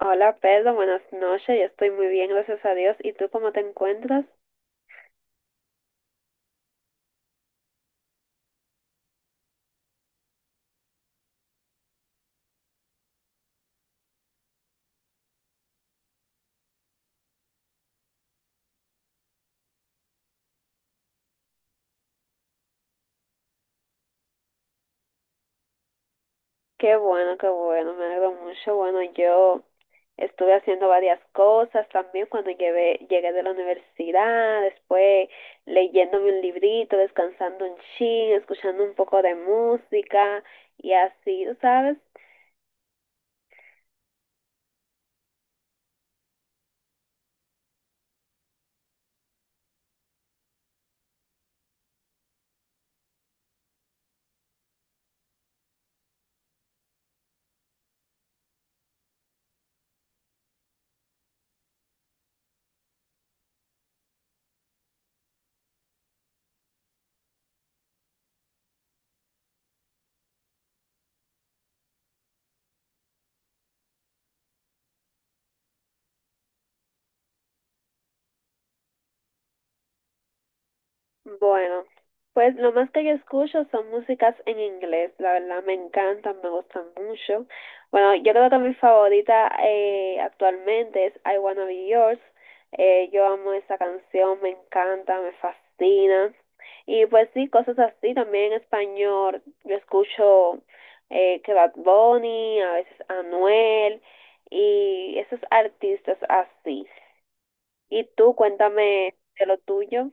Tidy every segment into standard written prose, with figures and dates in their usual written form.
Hola Pedro, buenas noches. Yo estoy muy bien, gracias a Dios. ¿Y tú cómo te encuentras? Qué bueno, me alegro mucho. Bueno, yo estuve haciendo varias cosas también cuando llegué de la universidad, después leyéndome un librito, descansando un chin, escuchando un poco de música y así, ¿tú sabes? Bueno, pues lo más que yo escucho son músicas en inglés, la verdad me encantan, me gustan mucho. Bueno, yo creo que mi favorita actualmente es I Wanna Be Yours. Yo amo esa canción, me encanta, me fascina. Y pues sí, cosas así, también en español yo escucho que Bad Bunny, a veces Anuel y esos artistas así. Y tú cuéntame de lo tuyo.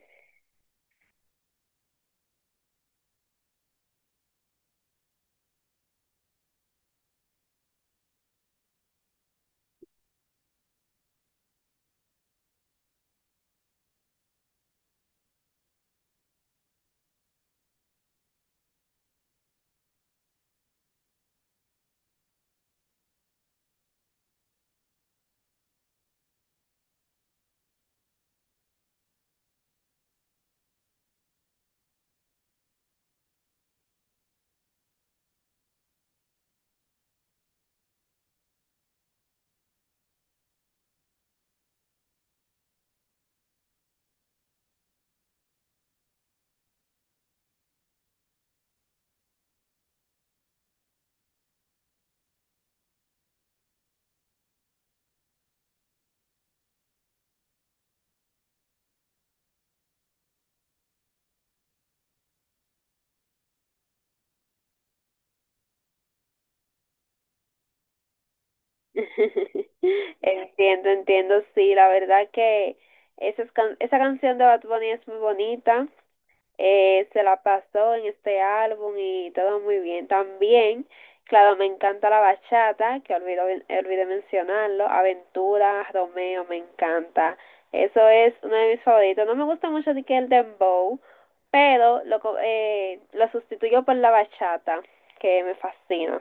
Entiendo, entiendo, sí, la verdad que esa, esa canción de Bad Bunny es muy bonita, se la pasó en este álbum y todo muy bien. También, claro, me encanta la bachata, que olvidé mencionarlo, Aventura, Romeo, me encanta. Eso es uno de mis favoritos. No me gusta mucho ni que el dembow, pero lo sustituyo por la bachata, que me fascina.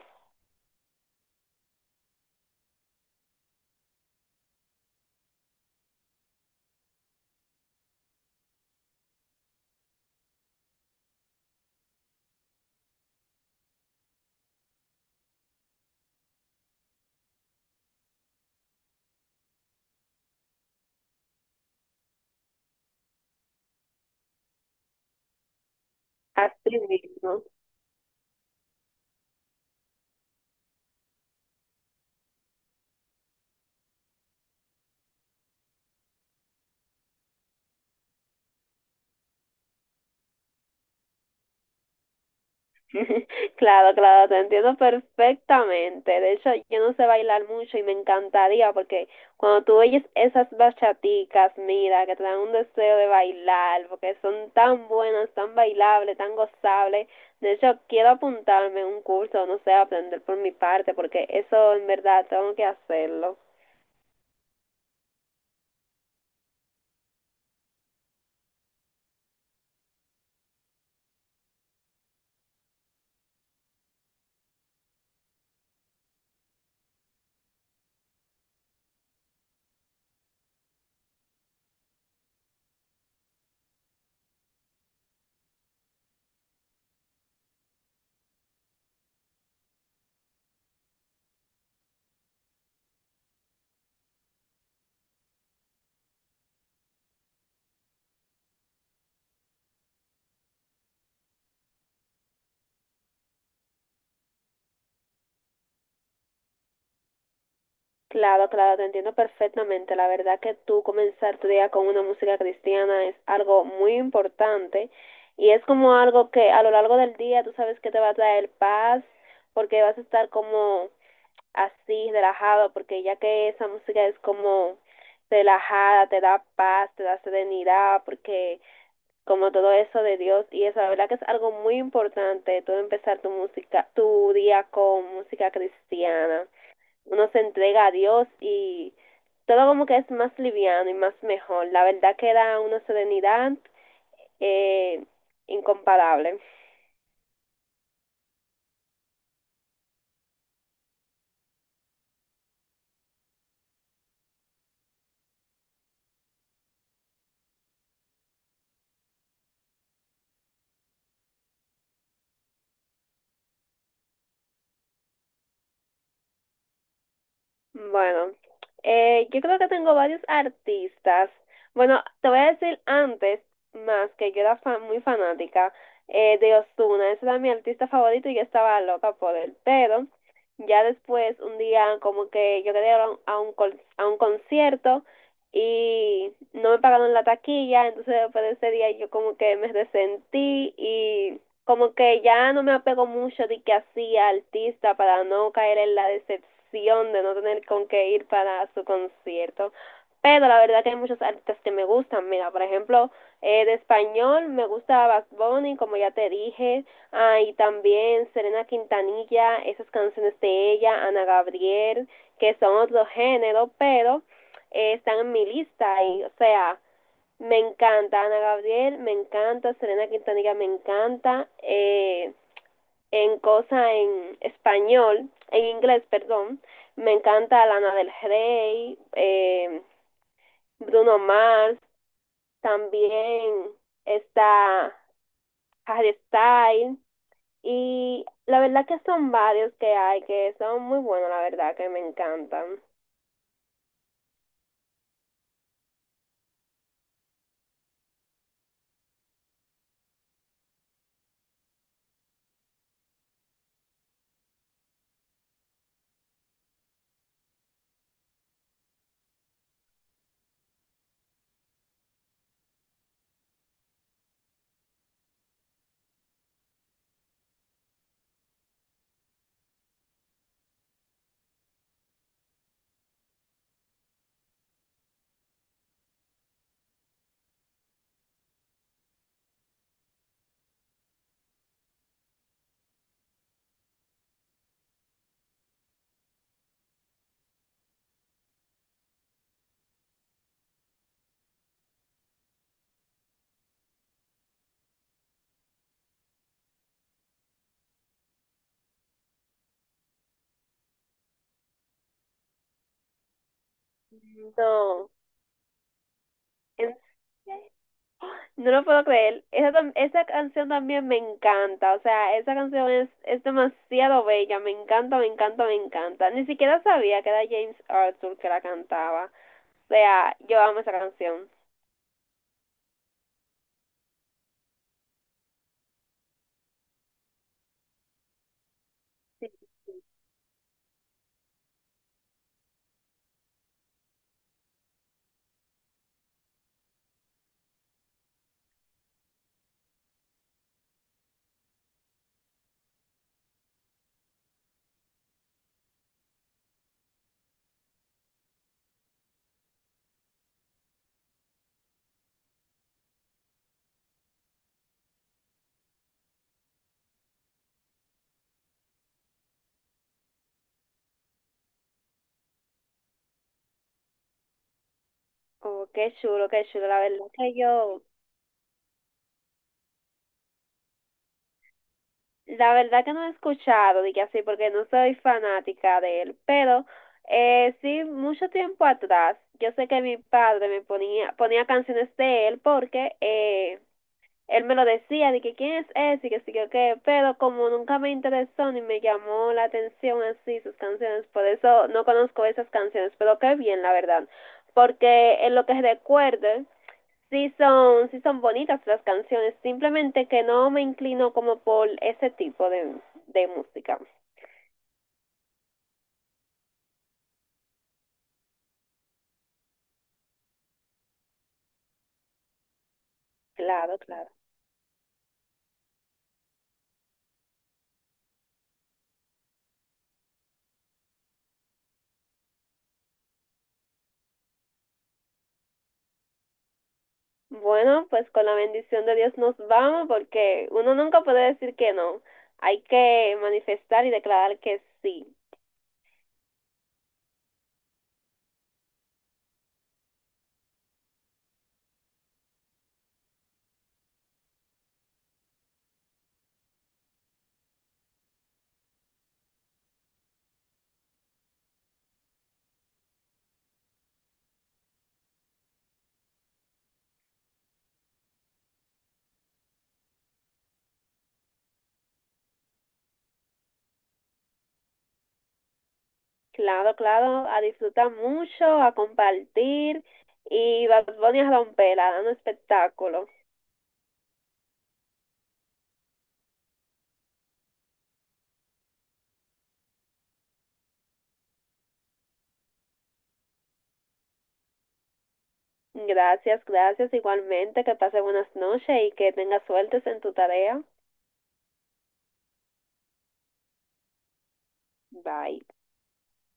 Así mismo. Claro, claro, te entiendo perfectamente. De hecho, yo no sé bailar mucho y me encantaría porque cuando tú oyes esas bachaticas, mira, que te dan un deseo de bailar, porque son tan buenas, tan bailables, tan gozables. De hecho, quiero apuntarme a un curso, no sé, aprender por mi parte, porque eso en verdad tengo que hacerlo. Claro, claro, te entiendo perfectamente. La verdad que tú comenzar tu día con una música cristiana es algo muy importante y es como algo que a lo largo del día tú sabes que te va a traer paz porque vas a estar como así, relajado, porque ya que esa música es como relajada, te da paz, te da serenidad, porque como todo eso de Dios y eso, la verdad que es algo muy importante tú empezar tu música, tu día con música cristiana, uno se entrega a Dios y todo como que es más liviano y más mejor. La verdad que da una serenidad eh, incomparable. Bueno, yo creo que tengo varios artistas. Bueno, te voy a decir antes, más que yo era muy fanática de Ozuna. Ese era mi artista favorito y yo estaba loca por él. Pero ya después, un día, como que yo quería ir a un a un concierto y no me pagaron la taquilla. Entonces, después de ese día, yo como que me resentí y como que ya no me apego mucho de que hacía artista para no caer en la decepción de no tener con qué ir para su concierto. Pero la verdad que hay muchos artistas que me gustan. Mira, por ejemplo, de español me gusta Bad Bunny, como ya te dije. Ah, y también Serena Quintanilla, esas canciones de ella, Ana Gabriel, que son otro género, pero están en mi lista. Y, o sea, me encanta Ana Gabriel, me encanta Serena Quintanilla, me encanta en cosa en español, en inglés, perdón. Me encanta Lana del Rey, Bruno Mars, también está Harry Styles, y la verdad que son varios que hay que son muy buenos, la verdad que me encantan. No, en- no lo puedo creer. Esa, esa canción también me encanta. O sea, esa canción es demasiado bella. Me encanta, me encanta, me encanta. Ni siquiera sabía que era James Arthur que la cantaba. O sea, yo amo esa canción. Oh, qué chulo, qué chulo. La verdad que yo, la verdad que no he escuchado, dije así, porque no soy fanática de él. Pero sí, mucho tiempo atrás, yo sé que mi padre me ponía canciones de él porque él me lo decía, de que quién es ese, y que sí, que qué, pero como nunca me interesó ni me llamó la atención así sus canciones, por eso no conozco esas canciones, pero qué bien, la verdad, porque en lo que recuerde, sí son bonitas las canciones, simplemente que no me inclino como por ese tipo de música. Claro, claro. Bueno, pues con la bendición de Dios nos vamos, porque uno nunca puede decir que no, hay que manifestar y declarar que sí. Claro, claro, a disfrutar mucho, a compartir y Bad Bunny a romperla, a dar un espectáculo. Gracias, gracias. Igualmente, que pase buenas noches y que tengas suertes en tu tarea. Bye.